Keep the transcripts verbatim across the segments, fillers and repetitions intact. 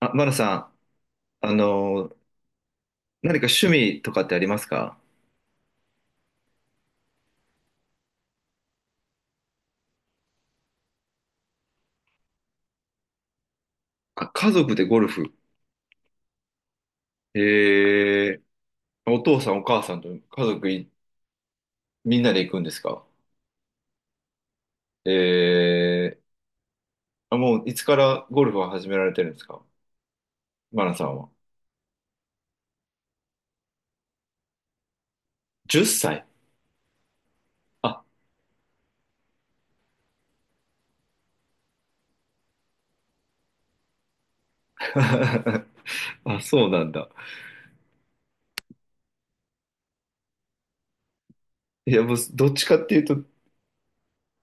あ、マナさん、あのー何か趣味とかってありますか？あ、家族でゴルフ。えー、お父さんお母さんと家族いみんなで行くんですか？えー、あ、もういつからゴルフは始められてるんですか？マナさんは。じゅっさい。あ、あ、そうなんだ。いや、もうどっちかっていうと、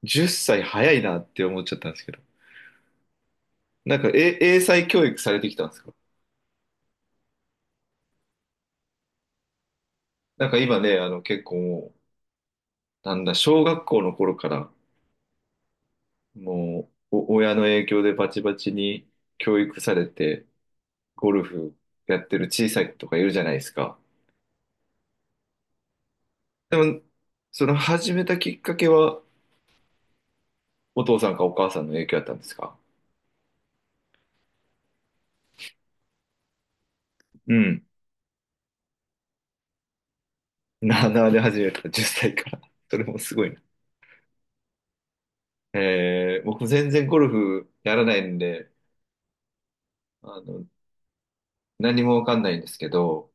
じゅっさい早いなって思っちゃったんですけど。なんか、え、英才教育されてきたんですか？なんか今ね、あの結構もう、なんだ、小学校の頃から、もう、お親の影響でバチバチに教育されて、ゴルフやってる小さい子とかいるじゃないですか。でも、その始めたきっかけは、お父さんかお母さんの影響だったんですか？うん。なあなあで始めた、じゅっさいから。それもすごいな。えー、僕全然ゴルフやらないんで、あの、何もわかんないんですけど、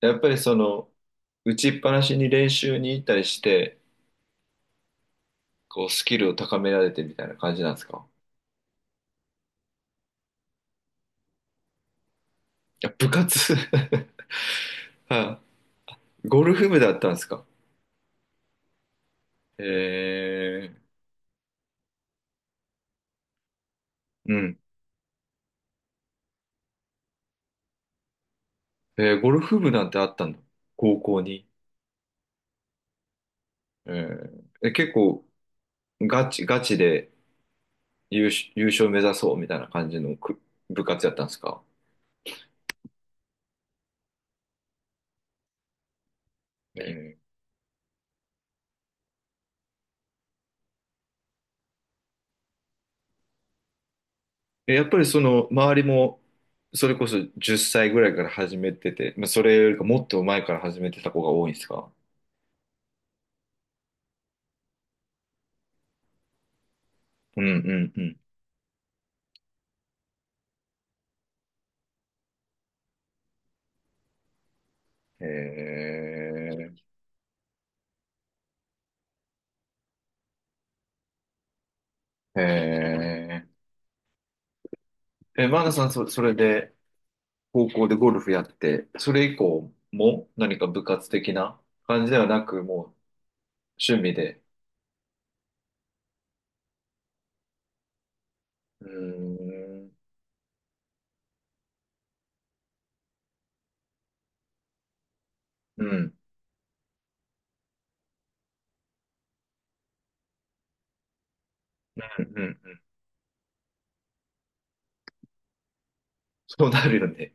やっぱりその、打ちっぱなしに練習に行ったりして、こう、スキルを高められてみたいな感じなんですか？いや、部活 はい。ゴルフ部だったんですか？えー、うん。えー、ゴルフ部なんてあったんだ。高校に。えー、え、結構、ガチ、ガチで優勝、優勝目指そうみたいな感じのく部活やったんですか？えー、えやっぱりその、周りも、それこそじっさいぐらいから始めてて、まあ、それよりかもっと前から始めてた子が多いんですか？うんうんうん。えー、えー、え、マーナさん、そ、それで、高校でゴルフやって、それ以降も何か部活的な感じではなく、もう趣味で。うーん、うん、うん、うん。そうなるよね。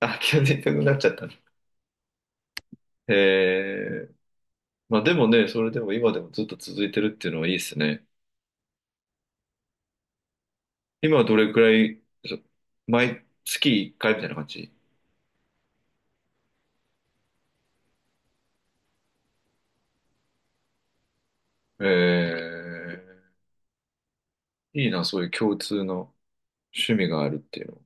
あ、急に痛くなっちゃったね。えー、まあでもね、それでも今でもずっと続いてるっていうのはいいですね。今はどれくらい、そ毎月いっかいみたいな感じ？えー、いいな、そういう共通の趣味があるっていうの。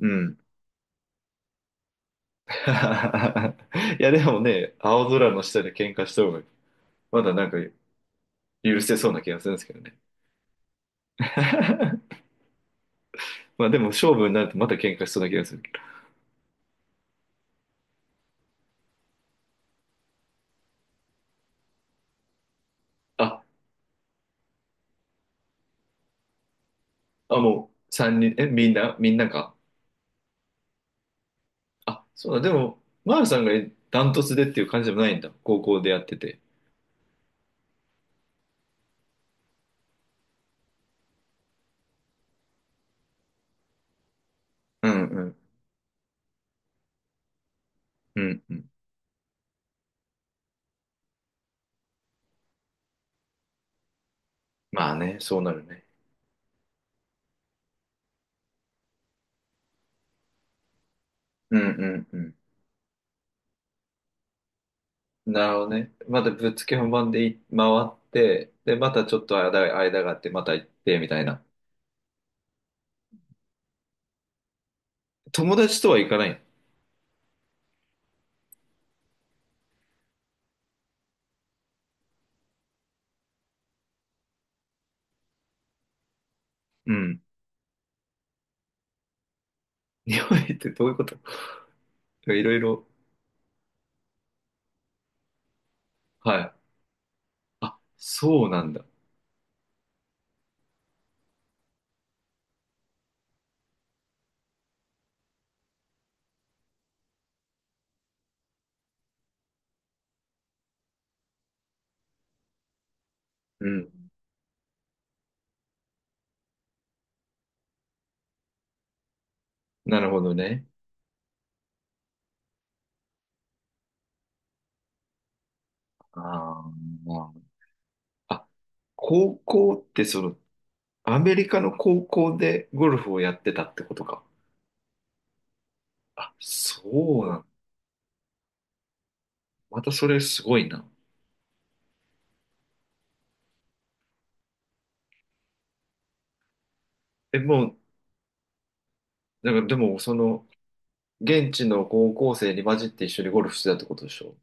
うん。いや、でもね、青空の下で喧嘩した方がまだなんか許せそうな気がするんですけどね。まあでも勝負になるとまた喧嘩しそうな気がするけど。あ、あ、もうさんにん、え、みんな、みんなか。あ、そうだ、でも、マールさんがダントツでっていう感じでもないんだ。高校でやってて。うんうん。うんうん。まあね、そうなるね。うんうんうん。なるほどね。またぶっつけ本番でい回って、で、またちょっと間が、間があって、また行って、みたいな。友達とは行かない？うん。日本行ってどういうこと？ いろいろ。はい。あ、そうなんだ。うん。なるほどね。あーあ、高校ってその、アメリカの高校でゴルフをやってたってことか。あ、そうなんだ。またそれすごいな。え、もう、なんかでも、その、現地の高校生に混じって一緒にゴルフしてたってことでしょ？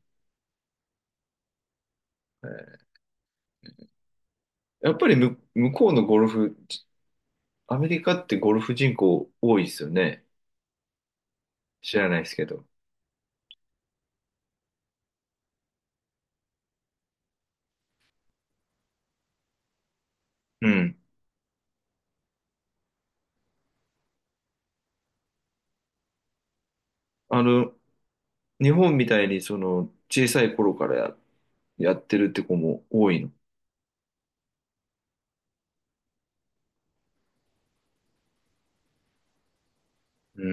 えーやっぱりむ、向こうのゴルフ、アメリカってゴルフ人口多いですよね。知らないですけど。うん。あの、日本みたいにその、小さい頃からやってるって子も多いの？うー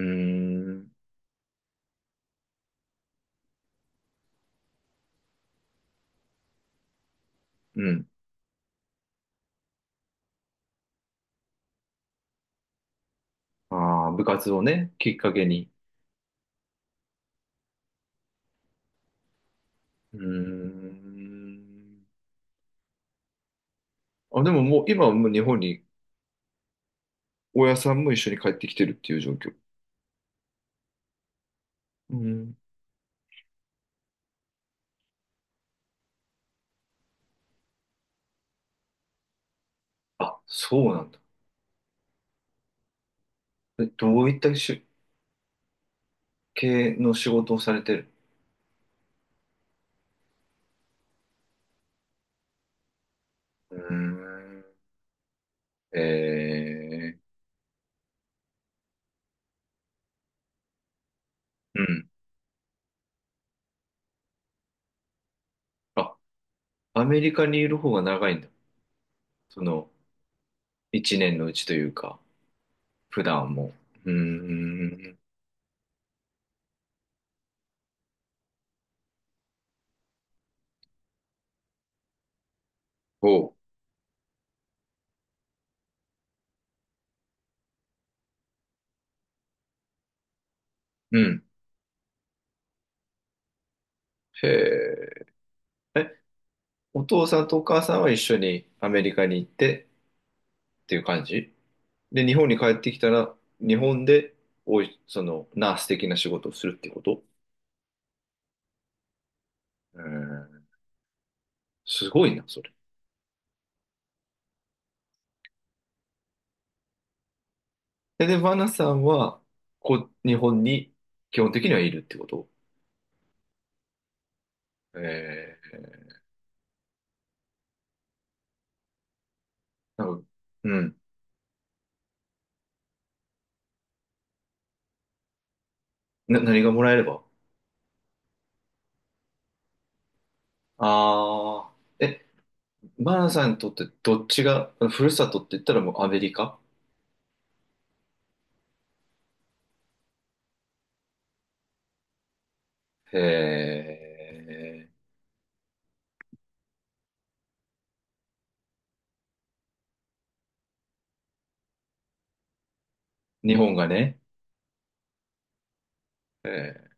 ん。うん。ああ、部活をね、きっかけに。うーん。あ、でももう今はもう日本に親さんも一緒に帰ってきてるっていう状況？うん。あ、そうなんだ。え、どういったし系の仕事をされてる？うーん。えー、うん。あ、アメリカにいる方が長いんだ。その、いちねんのうちというか、普段も。うーん。おう。うん。へえ。お父さんとお母さんは一緒にアメリカに行ってっていう感じで、日本に帰ってきたら、日本で、おい、その、ナース的な仕事をするってこと？うん、すごいな、それ。で、で、バナさんは、こう、日本に基本的にはいるってこと？えー、なんか、うん。な、何がもらえれば？ああー、え、バナさんにとってどっちが、ふるさとって言ったらもうアメリカ？へえ、日本がね。へ